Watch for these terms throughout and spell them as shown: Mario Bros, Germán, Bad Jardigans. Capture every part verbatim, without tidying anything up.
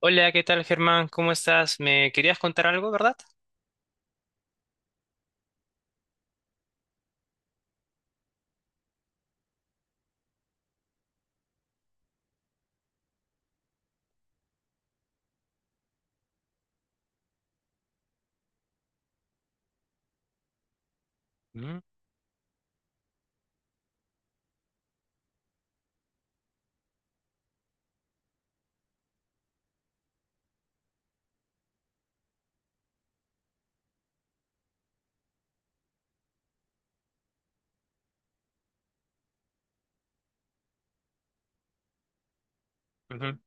Hola, ¿qué tal, Germán? ¿Cómo estás? Me querías contar algo, ¿verdad? Mm, ujú.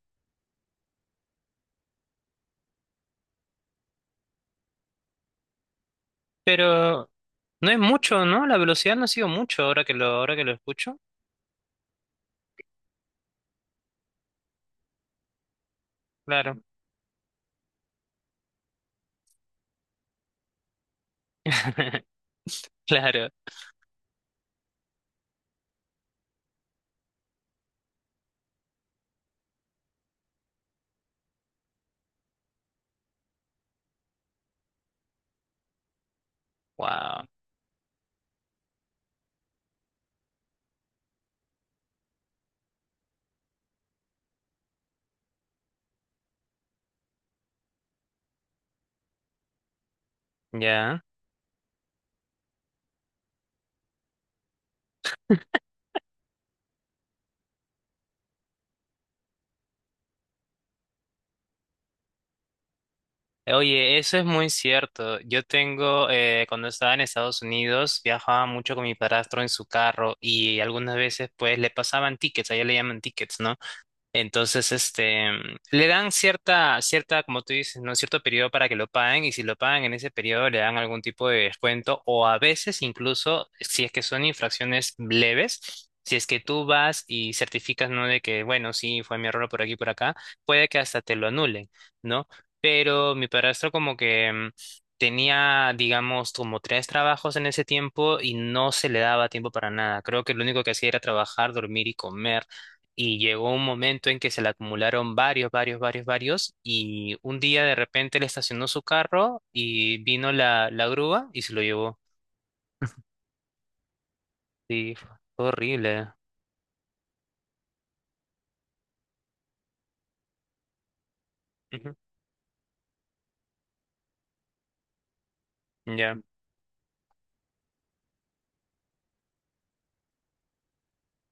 Pero no es mucho, ¿no? La velocidad no ha sido mucho ahora que lo, ahora que lo escucho. Claro. Claro. Wow. Ya. Oye, eso es muy cierto. Yo tengo, eh, cuando estaba en Estados Unidos, viajaba mucho con mi padrastro en su carro y algunas veces pues le pasaban tickets, allá le llaman tickets, ¿no? Entonces, este, mm, le dan cierta, cierta, como tú dices, ¿no? Cierto periodo para que lo paguen y si lo pagan en ese periodo le dan algún tipo de descuento o a veces incluso, si es que son infracciones leves, si es que tú vas y certificas, ¿no? De que, bueno, sí, fue mi error por aquí, por acá, puede que hasta te lo anulen, ¿no? Pero mi padrastro como que mm, tenía, digamos, como tres trabajos en ese tiempo y no se le daba tiempo para nada. Creo que lo único que hacía era trabajar, dormir y comer. Y llegó un momento en que se le acumularon varios, varios, varios, varios. Y un día de repente le estacionó su carro y vino la, la grúa y se lo llevó. Sí, fue horrible. Ujú. Ya,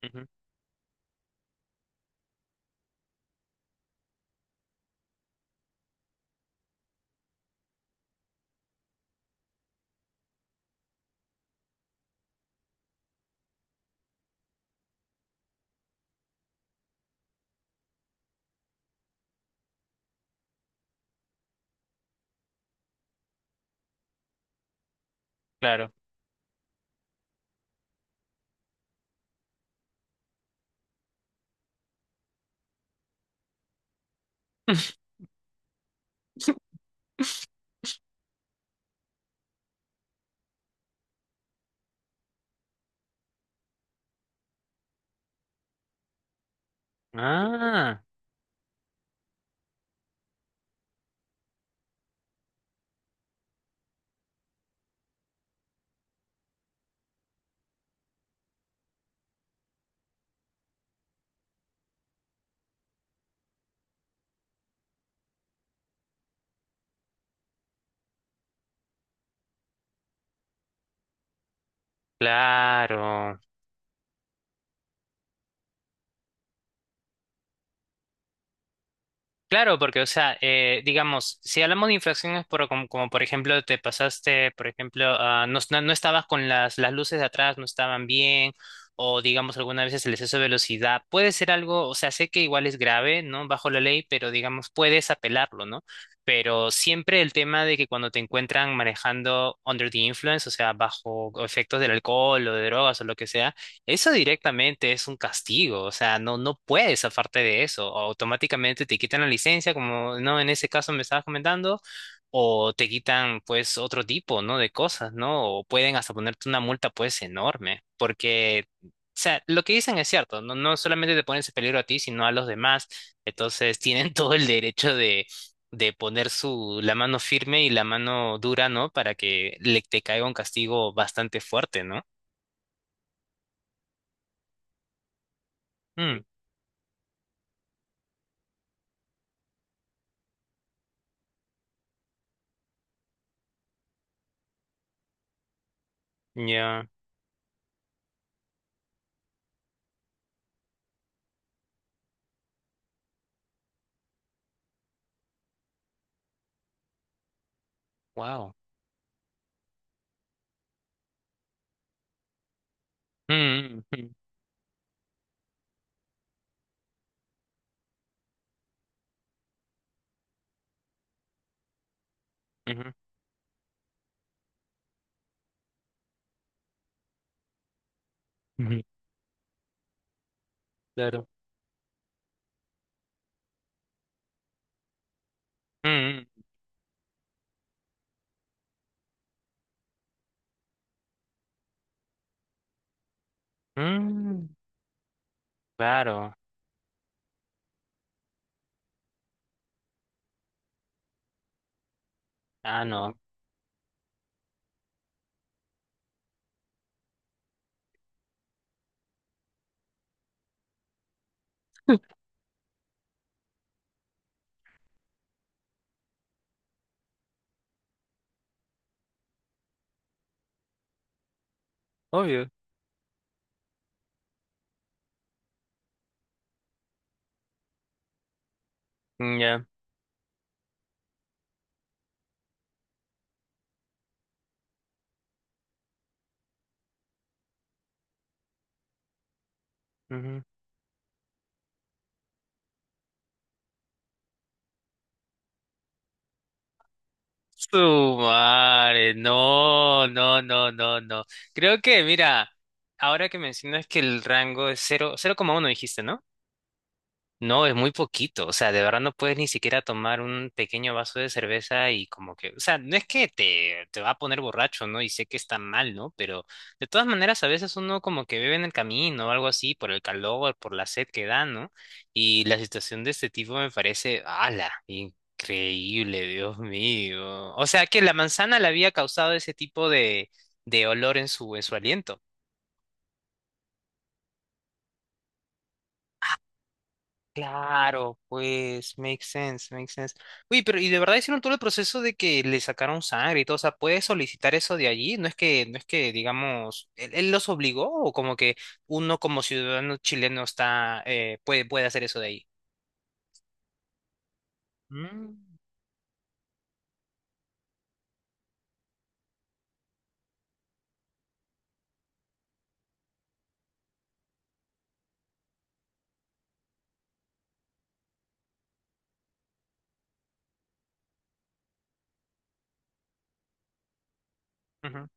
ujú, claro. Ah, claro. Claro, porque, o sea, eh, digamos, si hablamos de infracciones por- como, como, por ejemplo, te pasaste, por ejemplo, ah, no, no- no estabas con las, las luces de atrás, no estaban bien, o digamos, algunas veces el exceso de velocidad, puede ser algo, o sea, sé que igual es grave, ¿no? Bajo la ley, pero digamos, puedes apelarlo, ¿no? Pero siempre el tema de que cuando te encuentran manejando under the influence, o sea, bajo efectos del alcohol o de drogas o lo que sea, eso directamente es un castigo, o sea, no, no puedes zafarte de eso. O automáticamente te quitan la licencia, como no en ese caso me estabas comentando, o te quitan pues otro tipo, ¿no? De cosas, ¿no? O pueden hasta ponerte una multa pues enorme, porque, o sea, lo que dicen es cierto, no, no solamente te pones en peligro a ti, sino a los demás. Entonces tienen todo el derecho de, de poner su, la mano firme y la mano dura, ¿no? Para que le te caiga un castigo bastante fuerte, ¿no? Mm, ya. Wow. Mm, ujú, ujú, ujú, Claro. Mm, mm, claro. Ah, no. Obvio. Mm. Ya. Ujú. Su madre. No, no, no, no, no. Creo que, mira, ahora que mencionas que el rango es cero- cero coma uno dijiste, ¿no? No, es muy poquito, o sea, de verdad no puedes ni siquiera tomar un pequeño vaso de cerveza y como que, o sea, no es que te, te va a poner borracho, ¿no? Y sé que está mal, ¿no? Pero de todas maneras a veces uno como que bebe en el camino o algo así por el calor, por la sed que da, ¿no? Y la situación de este tipo me parece, ala, increíble, Dios mío. O sea, que la manzana le había causado ese tipo de, de olor en su, en su aliento. Claro, pues, makes sense, makes sense. Uy, pero y de verdad hicieron todo el proceso de que le sacaron sangre y todo, o sea, ¿puedes solicitar eso de allí? No es que, no es que, digamos, él, él los obligó o como que uno como ciudadano chileno está, eh, puede, puede hacer eso de ahí. Mm, ujú,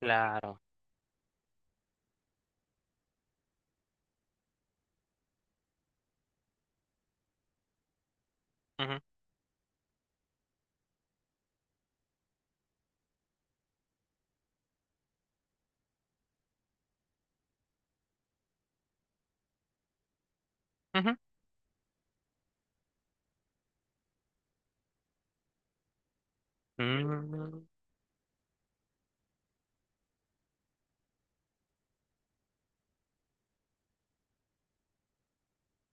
claro. Ujú, ujú, mm.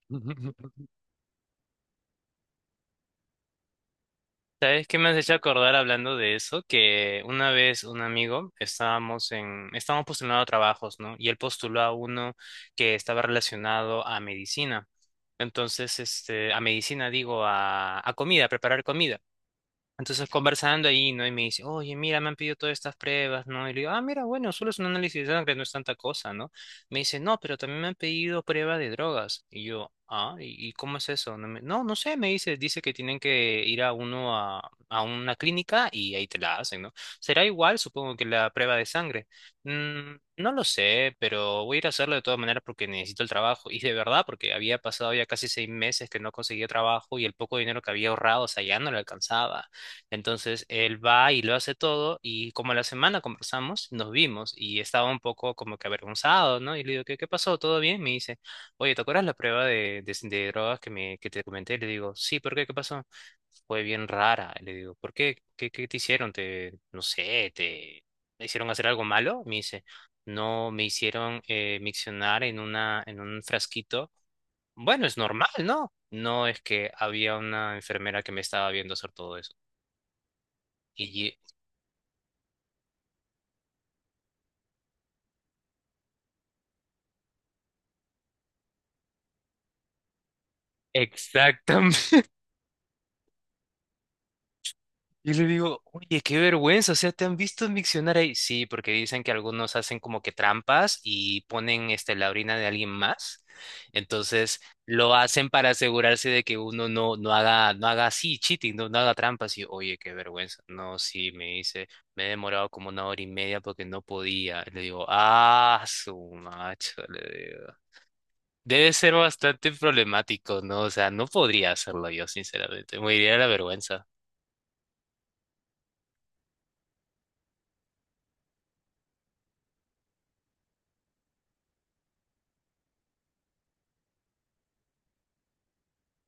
¿Sabes qué me has hecho acordar hablando de eso? Que una vez un amigo estábamos en, estábamos postulando a trabajos, ¿no? Y él postuló a uno que estaba relacionado a medicina. Entonces, este, a medicina digo, a, a comida, a preparar comida. Entonces conversando ahí, ¿no? Y me dice, oye, mira, me han pedido todas estas pruebas, ¿no? Y le digo, ah, mira, bueno, solo es un análisis de sangre, no es tanta cosa, ¿no? Me dice, no, pero también me han pedido prueba de drogas. Y yo, ah, ¿y, y cómo es eso? No, me- no, no sé, me dice, dice que tienen que ir a uno a, a una clínica y ahí te la hacen, ¿no? Será igual, supongo, que la prueba de sangre. Mm, no lo sé, pero voy a ir a hacerlo de todas maneras porque necesito el trabajo. Y de verdad, porque había pasado ya casi seis meses que no conseguía trabajo y el poco dinero que había ahorrado, o sea, ya no le alcanzaba. Entonces él va y lo hace todo y como la semana conversamos, nos vimos y estaba un poco como que avergonzado, ¿no? Y le digo, ¿qué, qué pasó? ¿Todo bien? Me dice, oye, ¿te acuerdas la prueba de, de, de drogas que, me, que te comenté? Le digo, sí, ¿por qué? ¿Qué pasó? Fue bien rara. Le digo, ¿por qué? ¿Qué, qué te hicieron? ¿Te, no sé, te, te hicieron hacer algo malo? Me dice, no, me hicieron eh, miccionar en una, en un frasquito. Bueno, es normal, ¿no? No es que había una enfermera que me estaba viendo hacer todo eso. Y exactamente. Y le digo, oye, qué vergüenza, o sea, ¿te han visto en diccionario ahí? Sí, porque dicen que algunos hacen como que trampas y ponen este, la orina de alguien más. Entonces, lo hacen para asegurarse de que uno no, no haga, no haga así, cheating, no, no haga trampas. Y, oye, qué vergüenza. No, sí, me dice, me he demorado como una hora y media porque no podía. Le digo, ah, su macho, le digo. Debe ser bastante problemático, ¿no? O sea, no podría hacerlo yo, sinceramente. Me iría de la vergüenza.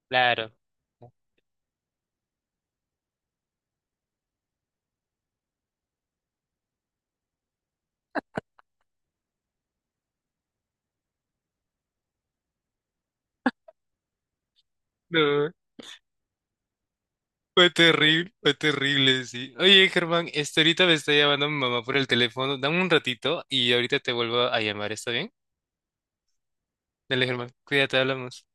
Claro. No, fue terrible, fue terrible, sí. Oye, Germán, este, ahorita me está llamando mi mamá por el teléfono. Dame un ratito y ahorita te vuelvo a llamar, ¿está bien? Dale, Germán, cuídate, hablamos.